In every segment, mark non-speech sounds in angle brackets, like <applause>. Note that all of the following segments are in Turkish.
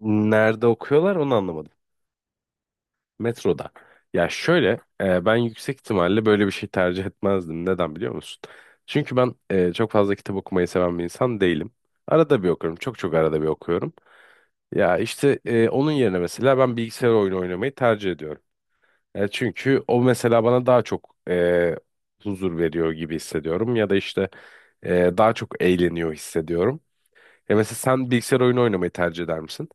Nerede okuyorlar onu anlamadım. Metroda. Ya şöyle ben yüksek ihtimalle böyle bir şey tercih etmezdim. Neden biliyor musun? Çünkü ben çok fazla kitap okumayı seven bir insan değilim. Arada bir okuyorum. Çok çok arada bir okuyorum. Ya işte onun yerine mesela ben bilgisayar oyunu oynamayı tercih ediyorum. Çünkü o mesela bana daha çok huzur veriyor gibi hissediyorum. Ya da işte daha çok eğleniyor hissediyorum. Mesela sen bilgisayar oyunu oynamayı tercih eder misin?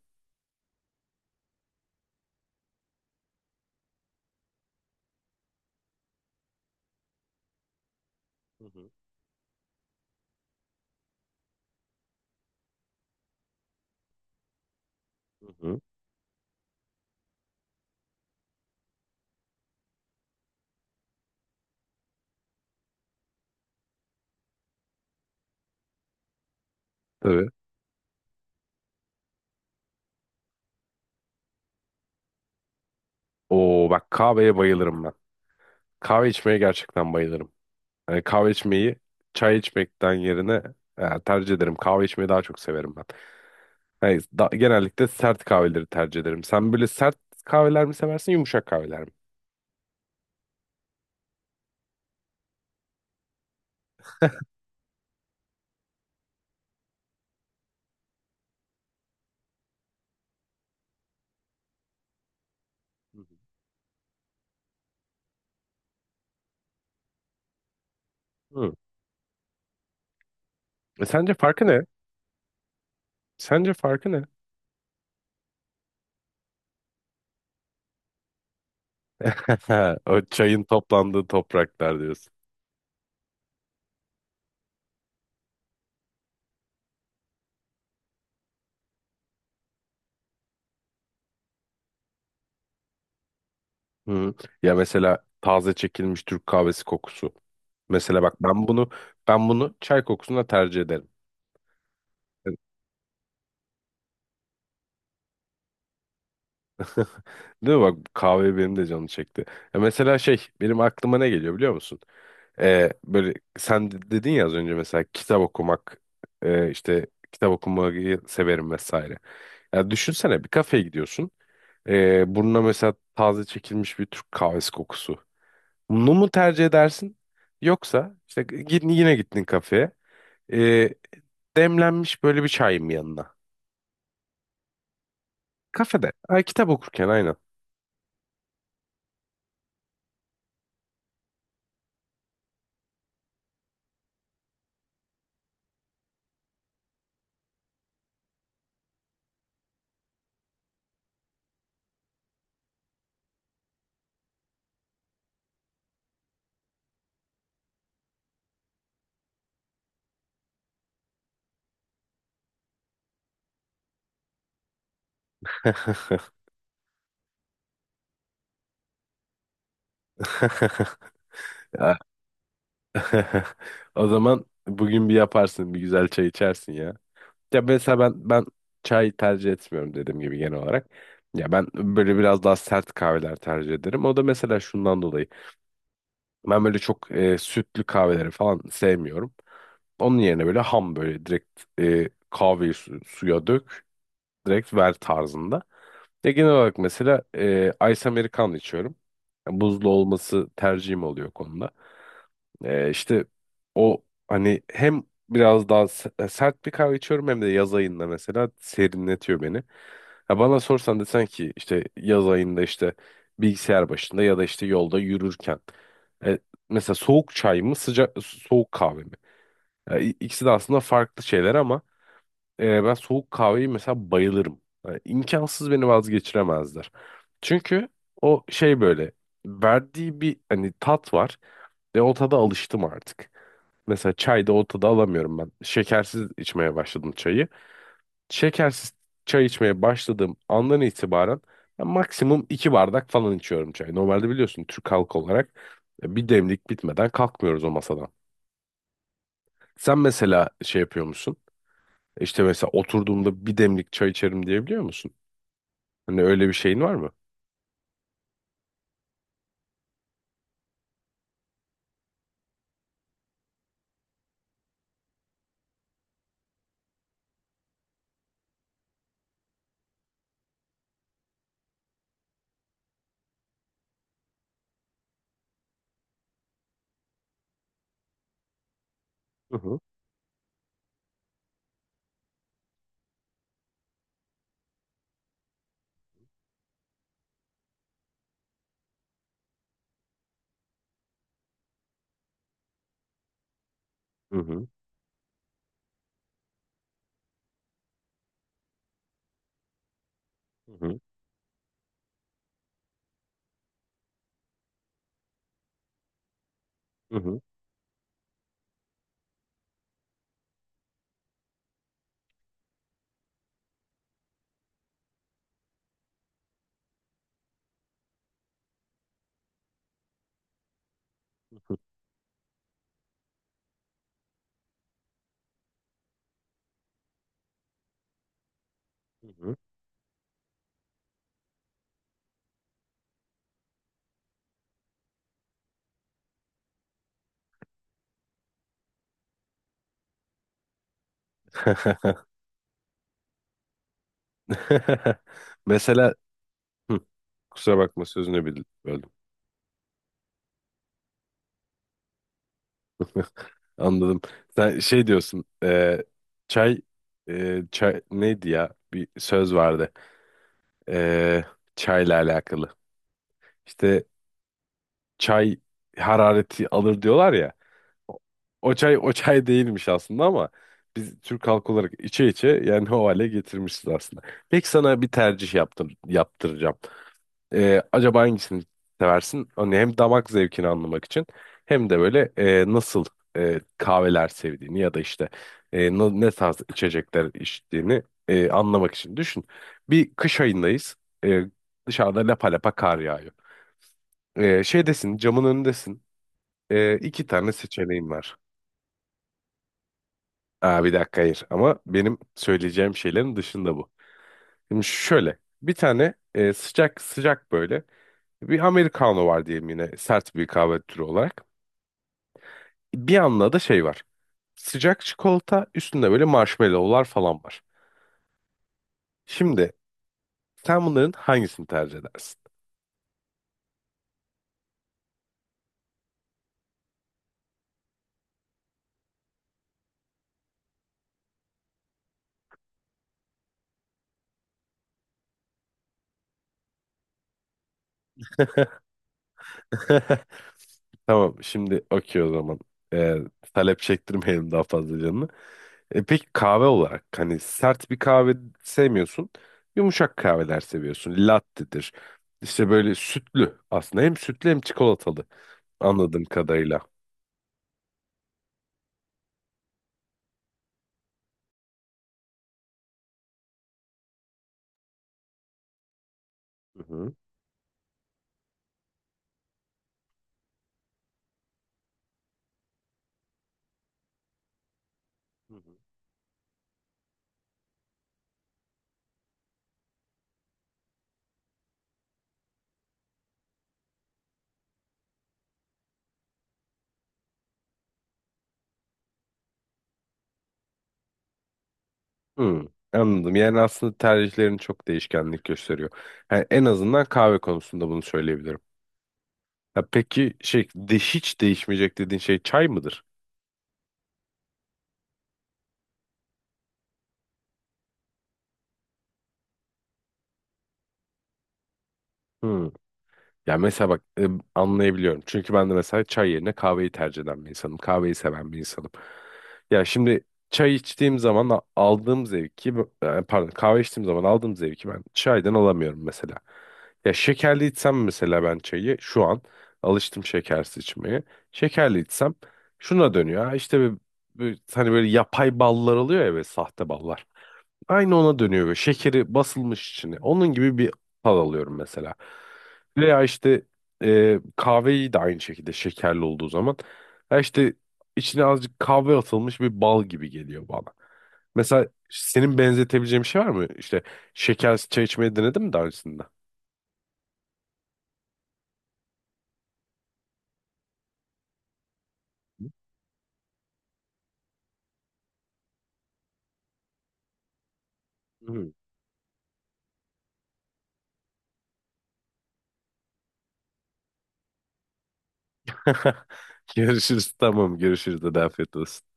Hı hı. Hı hı. Tabii. Oo bak kahveye bayılırım ben. Kahve içmeye gerçekten bayılırım. Yani kahve içmeyi çay içmekten yerine tercih ederim. Kahve içmeyi daha çok severim ben. Yani genellikle sert kahveleri tercih ederim. Sen böyle sert kahveler mi seversin, yumuşak kahveler mi? Hı hı. Hı. Sence farkı ne? Sence farkı ne? <laughs> O çayın toplandığı topraklar diyorsun. Hı. Ya mesela taze çekilmiş Türk kahvesi kokusu. Mesela bak ben bunu ben bunu çay kokusuna tercih ederim. Değil mi? Bak kahve benim de canım çekti. Ya mesela şey benim aklıma ne geliyor biliyor musun? Böyle sen dedin ya az önce mesela kitap okumak işte kitap okumayı severim vesaire. Ya düşünsene bir kafeye gidiyorsun. Burnuna mesela taze çekilmiş bir Türk kahvesi kokusu. Bunu mu tercih edersin? Yoksa işte git, yine gittin kafeye. Ee, Demlenmiş böyle bir çay mı yanına. Kafede. Ha, kitap okurken aynen. <laughs> O zaman bugün bir yaparsın, bir güzel çay içersin ya. Ya mesela ben çay tercih etmiyorum dediğim gibi genel olarak. Ya ben böyle biraz daha sert kahveler tercih ederim. O da mesela şundan dolayı. Ben böyle çok sütlü kahveleri falan sevmiyorum. Onun yerine böyle ham böyle direkt kahveyi suya dök, direkt ver tarzında. Ya genel olarak mesela Ice Americano içiyorum. Buzlu olması tercihim oluyor konuda. İşte o hani hem biraz daha sert bir kahve içiyorum hem de yaz ayında mesela serinletiyor beni. Ha bana sorsan desen ki işte yaz ayında işte bilgisayar başında ya da işte yolda yürürken e, mesela soğuk çay mı sıcak soğuk kahve mi? Ya, İkisi de aslında farklı şeyler ama ben soğuk kahveyi mesela bayılırım. Yani imkansız beni vazgeçiremezler. Çünkü o şey böyle verdiği bir hani tat var ve o tada alıştım artık. Mesela çay da ortada alamıyorum ben. Şekersiz içmeye başladım çayı. Şekersiz çay içmeye başladığım andan itibaren ben maksimum 2 bardak falan içiyorum çay. Normalde biliyorsun Türk halkı olarak bir demlik bitmeden kalkmıyoruz o masadan. Sen mesela şey yapıyor musun? İşte mesela oturduğumda bir demlik çay içerim diyebiliyor musun? Hani öyle bir şeyin var mı? Hı hı hı hı hı hı hı. Hı hı. <laughs> Mesela Hı, kusura bakma sözünü böldüm. <laughs> Anladım. Sen şey diyorsun. Çay çay neydi ya? Bir söz vardı. E, Çayla alakalı. İşte çay harareti alır diyorlar ya. O o çay o çay değilmiş aslında ama biz Türk halkı olarak içe içe yani o hale getirmişiz aslında. Peki sana bir tercih yaptıracağım. Acaba hangisini seversin? Hani hem damak zevkini anlamak için hem de böyle nasıl kahveler sevdiğini ya da işte ne tarz içecekler içtiğini anlamak için düşün. Bir kış ayındayız. E, Dışarıda lapa lapa kar yağıyor. Şeydesin, camın önündesin. İki tane seçeneğim var. Aa, bir dakika hayır ama benim söyleyeceğim şeylerin dışında bu. Şimdi şöyle bir tane sıcak sıcak böyle bir Americano var diyeyim yine sert bir kahve türü olarak. Bir yanda da şey var. Sıcak çikolata üstünde böyle marshmallowlar falan var. Şimdi sen bunların hangisini tercih edersin? <laughs> Tamam şimdi okey o zaman. Ee, Talep çektirmeyelim daha fazla canını. Peki kahve olarak hani sert bir kahve sevmiyorsun. Yumuşak kahveler seviyorsun. Latte'dir. İşte böyle sütlü aslında hem sütlü hem çikolatalı anladığım kadarıyla. Hı hı. Hmm, anladım. Yani aslında tercihlerin çok değişkenlik gösteriyor. Yani en azından kahve konusunda bunu söyleyebilirim. Ya peki şey de hiç değişmeyecek dediğin şey çay mıdır? Hmm. Ya mesela bak anlayabiliyorum. Çünkü ben de mesela çay yerine kahveyi tercih eden bir insanım. Kahveyi seven bir insanım. Ya şimdi çay içtiğim zaman aldığım zevki, pardon kahve içtiğim zaman aldığım zevki ben çaydan alamıyorum mesela. Ya şekerli içsem mesela ben çayı şu an alıştım şekersiz içmeye. Şekerli içsem şuna dönüyor. Ha işte hani böyle yapay ballar oluyor ya böyle sahte ballar. Aynı ona dönüyor. Şekeri basılmış içine. Onun gibi bir hal alıyorum mesela. Veya işte kahveyi de aynı şekilde şekerli olduğu zaman. Ha işte içine azıcık kahve atılmış bir bal gibi geliyor bana. Mesela senin benzetebileceğin bir şey var mı? İşte şekersiz çay içmeyi denedin mi daha öncesinde? Hı. <laughs> Görüşürüz. Tamam görüşürüz. De afiyet olsun.